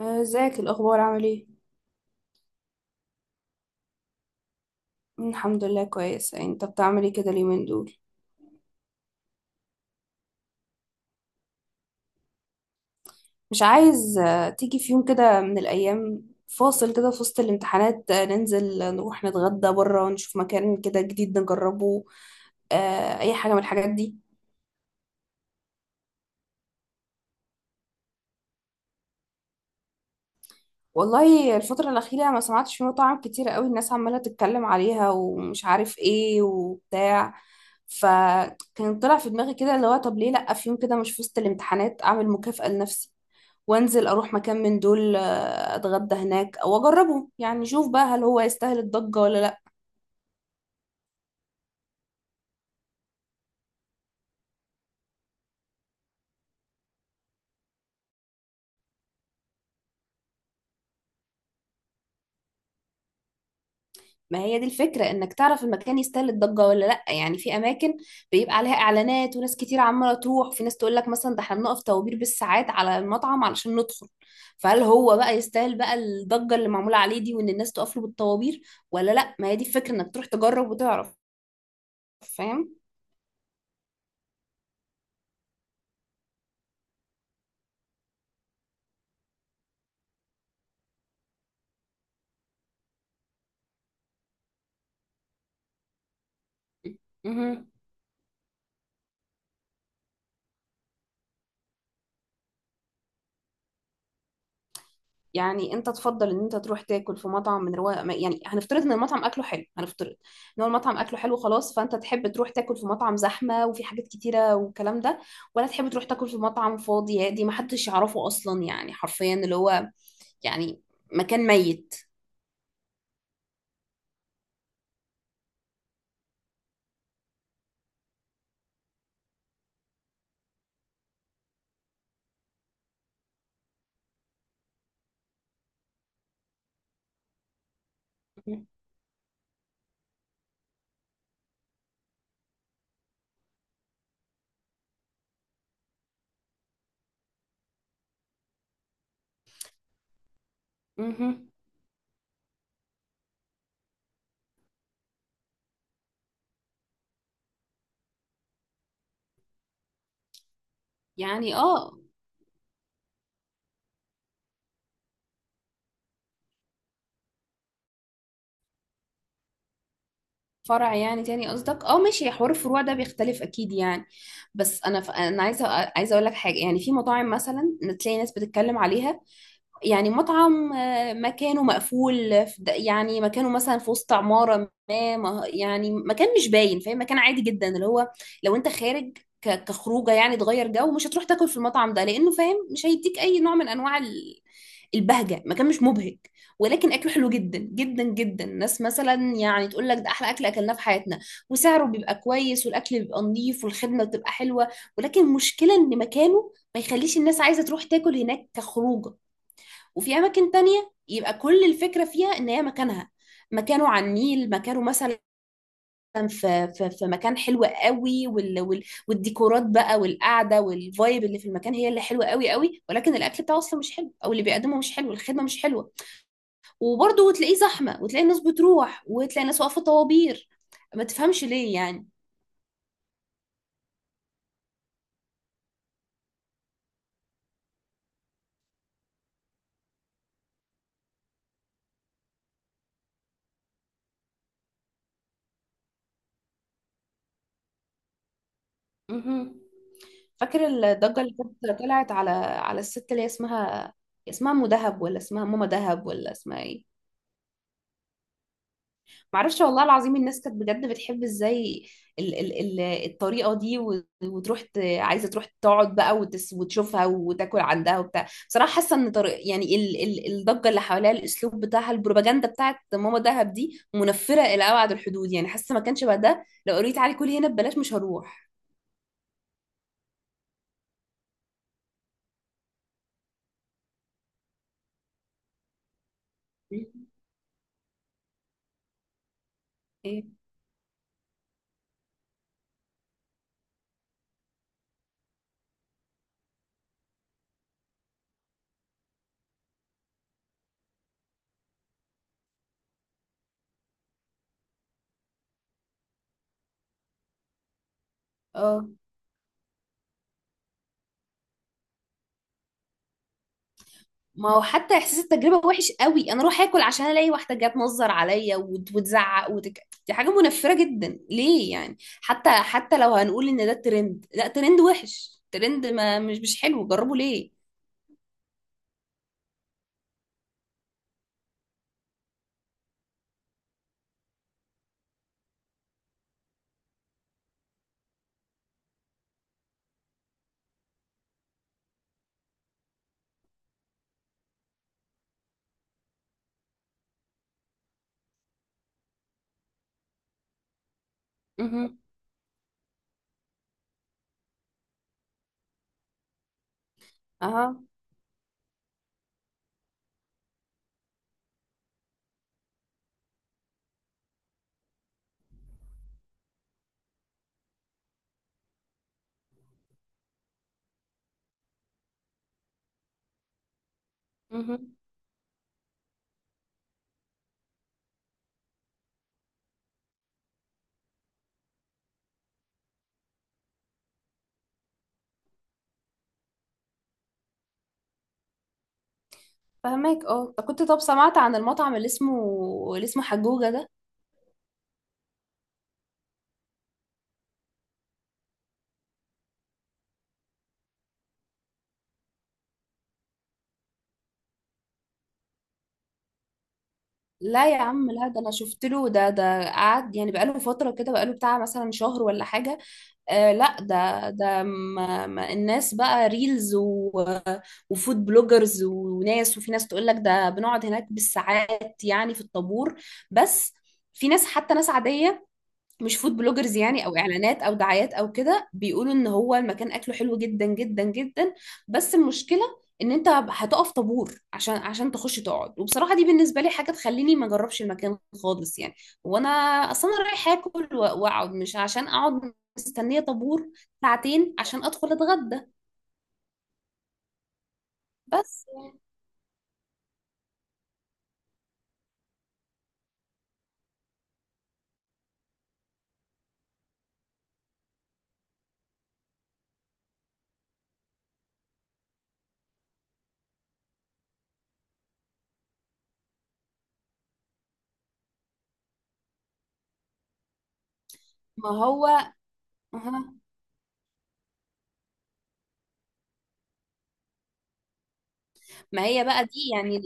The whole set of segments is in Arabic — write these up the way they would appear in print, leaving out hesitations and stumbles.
ازيك الاخبار، عامل ايه؟ الحمد لله، كويس. انت بتعمل ايه كده اليومين دول؟ مش عايز تيجي في يوم كده من الايام فاصل كده في وسط الامتحانات، ننزل نروح نتغدى بره ونشوف مكان كده جديد نجربه؟ اي حاجه من الحاجات دي. والله الفتره الاخيره ما سمعتش في مطاعم كتير قوي الناس عماله تتكلم عليها، ومش عارف ايه وبتاع. فكان طلع في دماغي كده اللي هو، طب ليه لا في يوم كده مش في وسط الامتحانات اعمل مكافأة لنفسي، وانزل اروح مكان من دول اتغدى هناك او اجربه، يعني شوف بقى هل هو يستاهل الضجة ولا لا. ما هي دي الفكرة، انك تعرف المكان يستاهل الضجة ولا لا. يعني في اماكن بيبقى عليها اعلانات وناس كتير عمالة تروح، في ناس تقول لك مثلا ده احنا بنقف طوابير بالساعات على المطعم علشان ندخل. فهل هو بقى يستاهل بقى الضجة اللي معمولة عليه دي، وان الناس تقف له بالطوابير ولا لا؟ ما هي دي الفكرة انك تروح تجرب وتعرف. فاهم؟ مهم. يعني انت تفضل ان انت تروح تاكل في مطعم من رواق، يعني هنفترض ان المطعم اكله حلو، هنفترض ان هو المطعم اكله حلو، خلاص. فانت تحب تروح تاكل في مطعم زحمه وفي حاجات كتيره والكلام ده، ولا تحب تروح تاكل في مطعم فاضي هادي ما حدش يعرفه اصلا، يعني حرفيا اللي هو، يعني مكان ميت؟ مهم. يعني اه. فرع يعني تاني قصدك، اه ماشي. حوار الفروع ده بيختلف اكيد يعني. بس انا انا عايزه اقول لك حاجه، يعني في مطاعم مثلا إن تلاقي ناس بتتكلم عليها. يعني مطعم مكانه مقفول يعني مكانه مثلا في وسط عمارة يعني مكان مش باين، فاهم، مكان عادي جدا اللي هو، لو انت خارج كخروجه يعني تغير جو، مش هتروح تاكل في المطعم ده، لانه فاهم مش هيديك اي نوع من انواع البهجه. مكان مش مبهج، ولكن اكله حلو جدا جدا جدا، ناس مثلا يعني تقول لك ده احلى اكل اكلناه في حياتنا، وسعره بيبقى كويس والاكل بيبقى نظيف والخدمه بتبقى حلوه، ولكن مشكله ان مكانه ما يخليش الناس عايزه تروح تاكل هناك كخروجه. وفي اماكن تانية يبقى كل الفكرة فيها ان هي مكانها، مكانه على النيل، مكانه مثلا في مكان حلو قوي، وال والديكورات بقى والقعده والفايب اللي في المكان هي اللي حلوه قوي قوي، ولكن الاكل بتاعه اصلا مش حلو، او اللي بيقدمه مش حلو، الخدمه مش حلوه، وبرضه وتلاقيه زحمه وتلاقي الناس بتروح وتلاقي الناس واقفه طوابير. ما تفهمش ليه يعني؟ مهم. فاكر الضجه اللي كانت طلعت على الست اللي هي اسمها، اسمها ام دهب ولا اسمها ماما دهب ولا اسمها ايه؟ معرفش والله العظيم. الناس كانت بجد بتحب ازاي ال الطريقة دي، وتروح عايزة تروح تقعد بقى وتشوفها وتاكل عندها وبتاع. بصراحة حاسة ان طريق يعني ال ال الضجة اللي حواليها، الاسلوب بتاعها، البروباجندا بتاعت ماما دهب دي، منفرة الى ابعد الحدود. يعني حاسة ما كانش بقى ده، لو قريت علي كل هنا ببلاش مش هروح. مم. ايه؟ اه، ما هو حتى احساس التجربه وحش قوي، انا اروح اكل عشان الاقي واحده جت تنظر عليا وتزعق دي حاجه منفره جدا. ليه يعني، حتى لو هنقول ان ده الترند، لا ترند وحش. ترند ما مش حلو، جربه ليه؟ مهم. اها. مهم. فهماك؟ اه. طب كنت، طب سمعت عن المطعم اللي اسمه، اللي اسمه حجوجة ده؟ لا يا عم، لا، ده انا شفت له، ده قعد يعني بقاله فترة كده، بقاله بتاع مثلا شهر ولا حاجة. لا، ده ما الناس بقى ريلز وفود بلوجرز وناس، وفي ناس تقول لك ده بنقعد هناك بالساعات يعني في الطابور. بس في ناس، حتى ناس عادية مش فود بلوجرز يعني، او اعلانات او دعايات او كده، بيقولوا ان هو المكان اكله حلو جدا جدا جدا. بس المشكلة ان انت هتقف طابور عشان تخش تقعد، وبصراحة دي بالنسبة لي حاجة تخليني ما اجربش المكان خالص يعني. وانا اصلا انا رايح اكل واقعد، مش عشان اقعد مستنية طابور ساعتين عشان ادخل اتغدى. بس يعني ما هو، أها. ما هي بقى دي يعني،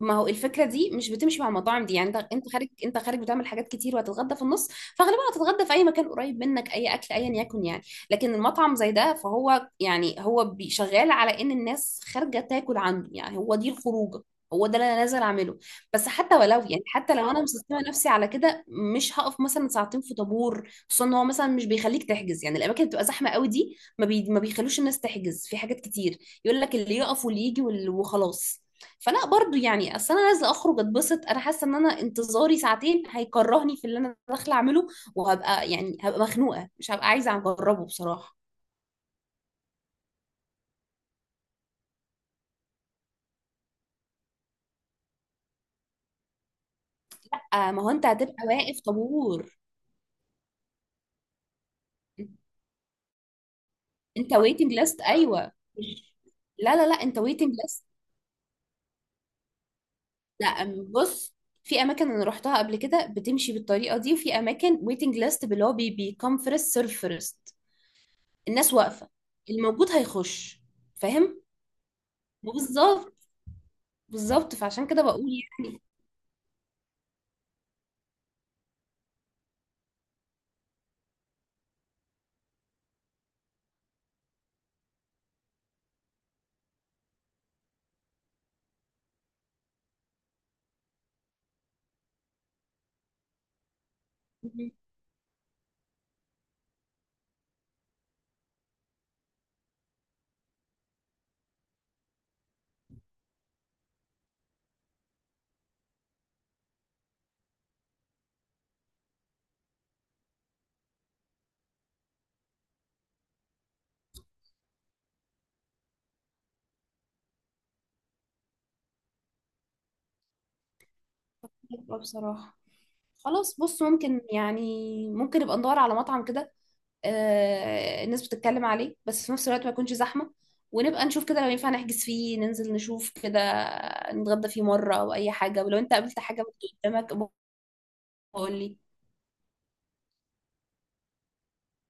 ما هو الفكره دي مش بتمشي مع المطاعم دي. يعني انت خارج، انت خارج بتعمل حاجات كتير، وهتتغدى في النص، فغالبا هتتغدى في اي مكان قريب منك، اي اكل ايا يكن يعني. لكن المطعم زي ده، فهو يعني هو شغال على ان الناس خارجه تاكل عنده، يعني هو دي الخروجه، هو ده اللي انا نازل اعمله. بس حتى ولو يعني، حتى لو انا مسستمه نفسي على كده، مش هقف مثلا ساعتين في طابور، خصوصا ان هو مثلا مش بيخليك تحجز. يعني الاماكن اللي بتبقى زحمه قوي دي ما بيخلوش الناس تحجز في حاجات كتير، يقول لك اللي يقف واللي يجي وخلاص. فلا برضو يعني، اصل انا نازله اخرج اتبسط، انا حاسه ان انا انتظاري ساعتين هيكرهني في اللي انا داخله اعمله، وهبقى يعني هبقى مخنوقه، مش هبقى عايزه اجربه بصراحه. ما هو انت هتبقى واقف طابور. انت ويتنج ليست؟ ايوه. مش- لا، لا، لا، انت ويتنج ليست، لا، بص. في اماكن انا روحتها قبل كده بتمشي بالطريقه دي، وفي اماكن ويتنج ليست اللي هو بيكم فيرست سيرف فيرست، الناس واقفه، الموجود هيخش. فاهم؟ بالظبط. بالظبط، فعشان كده بقول يعني. حلوة بصراحة. خلاص بص، ممكن يعني، ممكن نبقى ندور على مطعم كده الناس بتتكلم عليه، بس في نفس الوقت ما يكونش زحمة، ونبقى نشوف كده لو ينفع نحجز فيه، ننزل نشوف كده، نتغدى فيه مرة أو أي حاجة. ولو أنت قابلت حاجة قدامك، قول لي.